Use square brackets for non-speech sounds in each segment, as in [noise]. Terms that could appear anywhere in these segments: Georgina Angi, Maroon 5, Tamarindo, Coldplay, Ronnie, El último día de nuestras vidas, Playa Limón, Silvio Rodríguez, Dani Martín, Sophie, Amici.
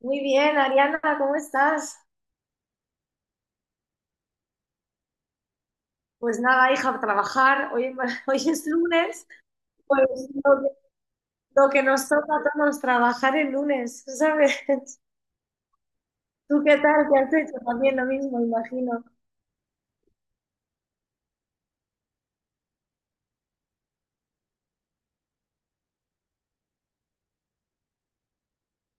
Muy bien, Ariana, ¿cómo estás? Pues nada, hija, a trabajar. Hoy, [laughs] hoy es lunes, pues lo que, lo que nos toca a todos trabajar el lunes, ¿sabes? [laughs] ¿Tú qué tal? ¿Qué has hecho? También lo mismo, imagino.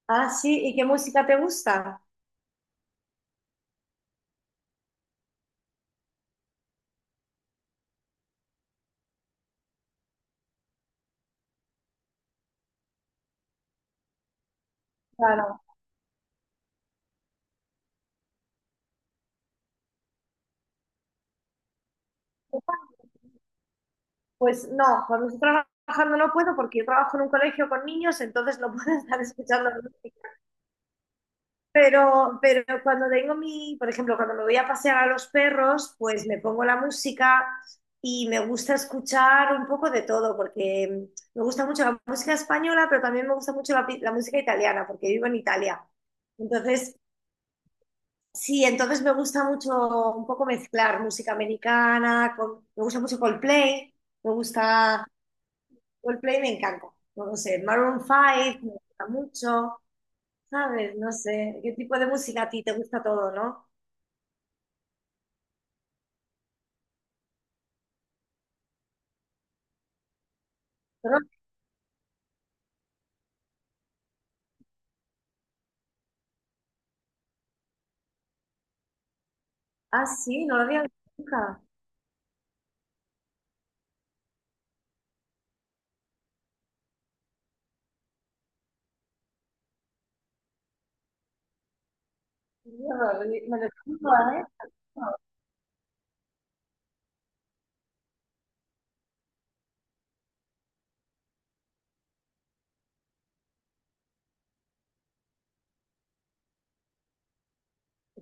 Ah, sí, ¿y qué música te gusta? Claro, pues no, cuando estoy trabajando no puedo porque yo trabajo en un colegio con niños, entonces no puedo [laughs] estar escuchando música. Pero cuando tengo por ejemplo, cuando me voy a pasear a los perros, pues me pongo la música y me gusta escuchar un poco de todo, porque me gusta mucho la música española, pero también me gusta mucho la música italiana, porque vivo en Italia. Entonces, sí, entonces me gusta mucho un poco mezclar música americana con, me gusta mucho Coldplay, me gusta Coldplay, me encanta. No lo sé, Maroon 5, me gusta mucho, ¿sabes? No sé, ¿qué tipo de música a ti te gusta? Todo, ¿no? Pero- ah, sí, no lo había visto nunca. Mierda, me lo explico, ¿eh?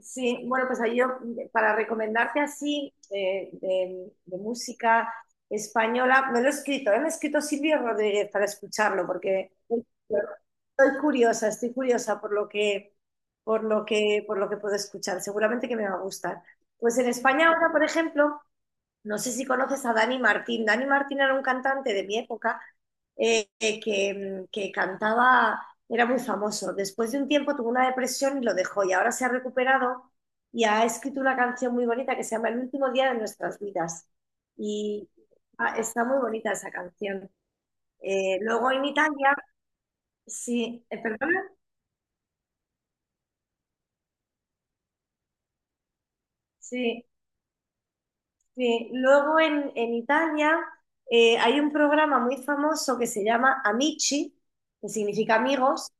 Sí, bueno, pues ahí yo para recomendarte así de música española, me lo he escrito, ¿eh? Me he escrito Silvio Rodríguez para escucharlo, porque estoy curiosa por lo que, puedo escuchar. Seguramente que me va a gustar. Pues en España ahora, por ejemplo, no sé si conoces a Dani Martín. Dani Martín era un cantante de mi época que cantaba, era muy famoso. Después de un tiempo tuvo una depresión y lo dejó, y ahora se ha recuperado y ha escrito una canción muy bonita que se llama El último día de nuestras vidas. Y está muy bonita esa canción. Luego en Italia, sí, perdona, sí. Sí, luego en Italia, hay un programa muy famoso que se llama Amici, que significa amigos,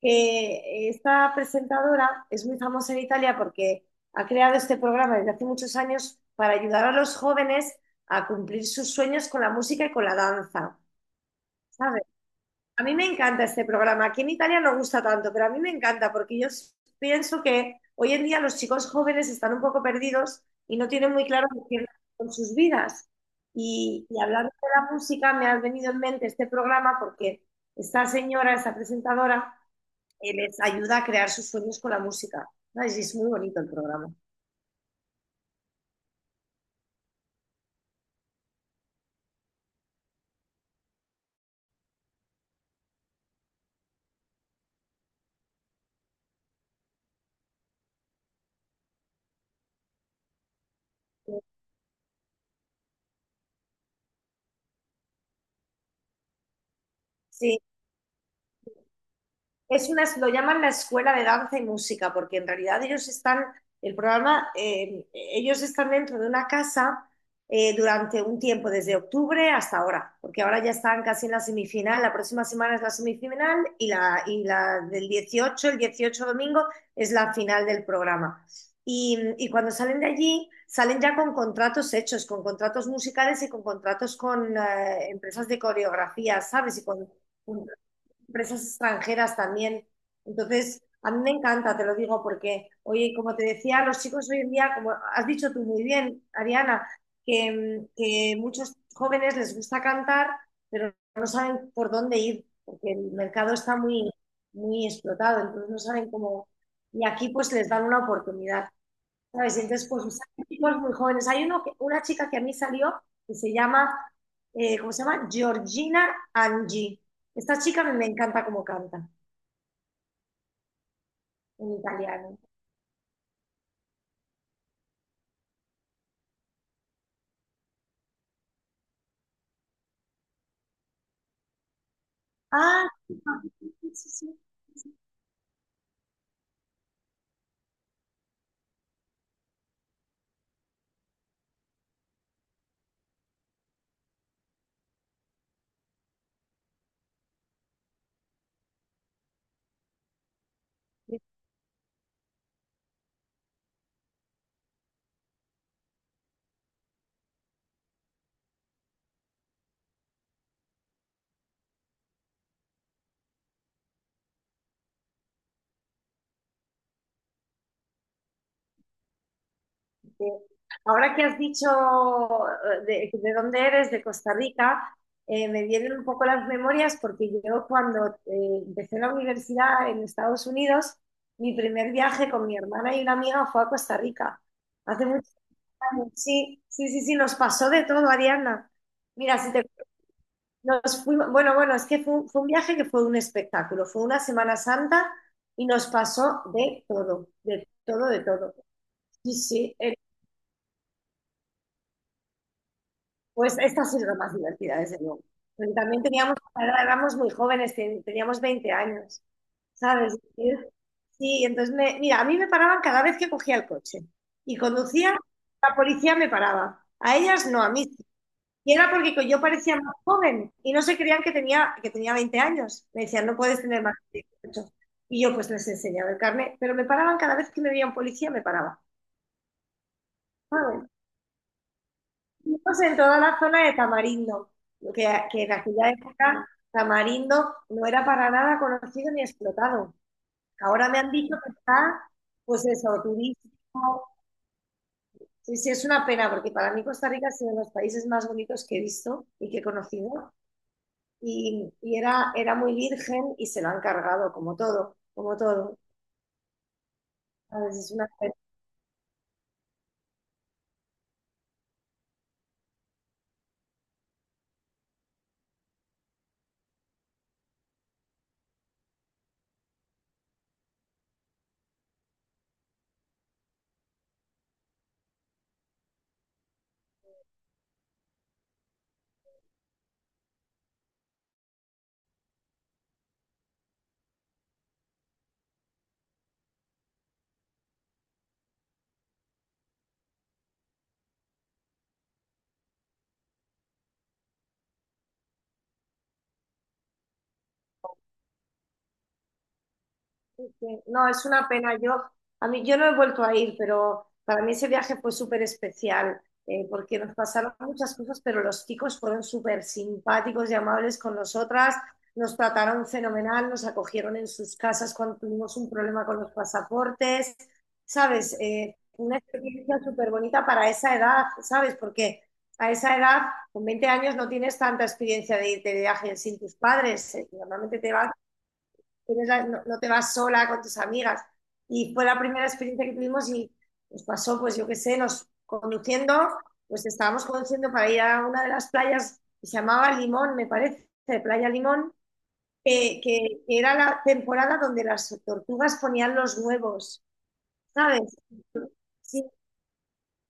que esta presentadora es muy famosa en Italia porque ha creado este programa desde hace muchos años para ayudar a los jóvenes a cumplir sus sueños con la música y con la danza, ¿sabes? A mí me encanta este programa. Aquí en Italia no gusta tanto, pero a mí me encanta porque yo pienso que hoy en día los chicos jóvenes están un poco perdidos y no tienen muy claro qué quieren hacer con sus vidas. Y hablando de la música, me ha venido en mente este programa porque esta señora, esta presentadora, les ayuda a crear sus sueños con la música. ¿Sabes? Y es muy bonito el programa. Sí. Es una, lo llaman la escuela de danza y música, porque en realidad ellos están, el programa, ellos están dentro de una casa durante un tiempo, desde octubre hasta ahora, porque ahora ya están casi en la semifinal, la próxima semana es la semifinal y y la del 18, el 18 domingo es la final del programa. Y cuando salen de allí, salen ya con contratos hechos, con contratos musicales y con contratos con empresas de coreografía, ¿sabes? Y con empresas extranjeras también. Entonces, a mí me encanta, te lo digo, porque, oye, como te decía, los chicos hoy en día, como has dicho tú muy bien, Ariana, que muchos jóvenes les gusta cantar, pero no saben por dónde ir, porque el mercado está muy, muy explotado, entonces no saben cómo... Y aquí pues les dan una oportunidad. ¿Sabes? Y entonces, pues usan chicos muy jóvenes. Hay uno que, una chica que a mí salió que se llama, ¿cómo se llama? Georgina Angi. Esta chica me, me encanta cómo canta en italiano. Ah, sí, sí, sí. Este, ahora que has dicho, de dónde eres, de Costa Rica, me vienen un poco las memorias porque yo cuando empecé la universidad en Estados Unidos, mi primer viaje con mi hermana y una amiga fue a Costa Rica. Hace muchos Sí, sí, sí, sí, nos pasó de todo, Ariana. Mira, si te, nos fuimos, bueno, bueno, es que fue un viaje que fue un espectáculo, fue una Semana Santa y nos pasó de todo, de todo, de todo. Sí, sí, pues esta ha sido la más divertida, desde luego. Porque también teníamos, ahora éramos muy jóvenes, teníamos 20 años, ¿sabes? Y... Sí, entonces, mira, a mí me paraban cada vez que cogía el coche y conducía, la policía me paraba. A ellas no, a mí sí. Y era porque yo parecía más joven y no se creían que tenía 20 años. Me decían, no puedes tener más de 18. Y yo pues les enseñaba el carnet, pero me paraban cada vez que me veía un policía, me paraba. Ah, bueno, entonces en toda la zona de Tamarindo, que, que en aquella época Tamarindo no era para nada conocido ni explotado. Ahora me han dicho que está, pues eso, turístico. Sí, sí, es una pena, porque para mí Costa Rica ha sido uno de los países más bonitos que he visto y que he conocido, y era, era muy virgen y se lo han cargado, como todo, como todo. ¿Sabes? Es una Sí. No, es una pena. Yo, a mí, yo no he vuelto a ir, pero para mí ese viaje fue súper especial, porque nos pasaron muchas cosas, pero los chicos fueron súper simpáticos y amables con nosotras, nos trataron fenomenal, nos acogieron en sus casas cuando tuvimos un problema con los pasaportes, ¿sabes? Una experiencia súper bonita para esa edad, ¿sabes? Porque a esa edad, con 20 años, no tienes tanta experiencia de irte de viaje sin tus padres. Normalmente te vas, no, no te vas sola con tus amigas. Y fue la primera experiencia que tuvimos y nos pasó, pues yo qué sé, nos conduciendo, pues estábamos conduciendo para ir a una de las playas que se llamaba Limón, me parece, Playa Limón, era la temporada donde las tortugas ponían los huevos, ¿sabes? Sí,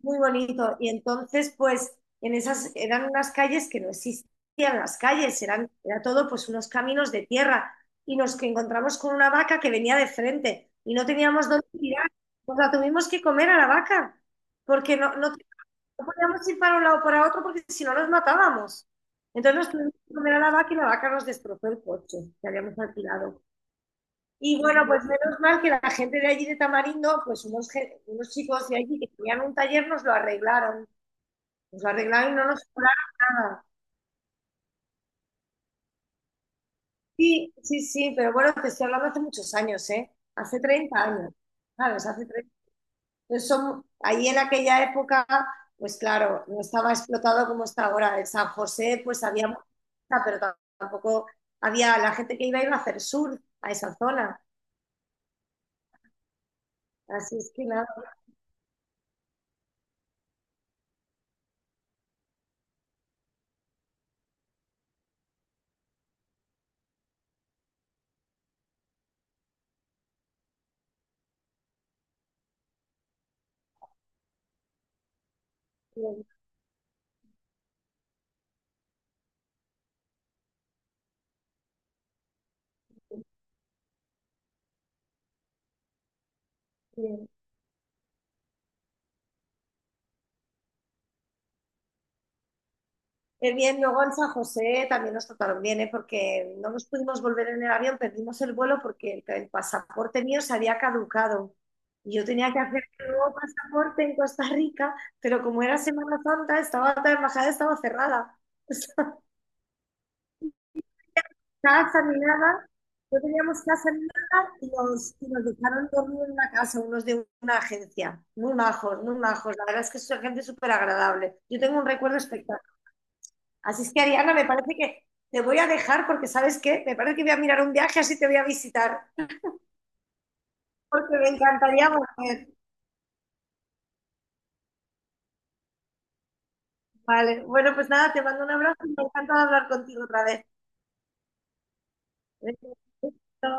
muy bonito. Y entonces, pues, en esas eran unas calles que no existían las calles, eran, era todo pues unos caminos de tierra. Y nos encontramos con una vaca que venía de frente y no teníamos dónde tirar. Pues la tuvimos que comer a la vaca, porque no, no, no podíamos ir para un lado o para otro, porque si no nos matábamos. Entonces nos tuvimos que comer a la vaca y la vaca nos destrozó el coche que habíamos alquilado. Y bueno, pues menos mal que la gente de allí de Tamarindo, pues unos chicos de allí que tenían un taller nos lo arreglaron. Nos lo arreglaron y no nos cobraron nada. Sí, sí, sí, pero bueno, te estoy hablando hace muchos años, ¿eh? Hace 30 años, ¿sabes? Hace 30 Entonces, ahí en aquella época, pues claro, no estaba explotado como está ahora. En San José, pues había mucha, pero tampoco había la gente que iba a hacer sur a esa zona. Así es que nada, bien, bien. Qué bien, luego en San José también nos trataron bien, ¿eh? Porque no nos pudimos volver en el avión, perdimos el vuelo porque el pasaporte mío se había caducado. Y yo tenía que hacer un nuevo pasaporte en Costa Rica, pero como era Semana Santa, estaba la embajada estaba cerrada. [laughs] Casa ni nada, no teníamos casa ni nada y nos, y nos dejaron dormir en una casa, unos de una agencia. Muy majos, muy majos. La verdad es que es gente súper agradable. Yo tengo un recuerdo espectacular. Así es que Ariana, me parece que te voy a dejar porque, ¿sabes qué? Me parece que voy a mirar un viaje, así te voy a visitar, porque me encantaría volver. Vale, bueno, pues nada, te mando un abrazo y me encanta hablar contigo otra vez. Besito.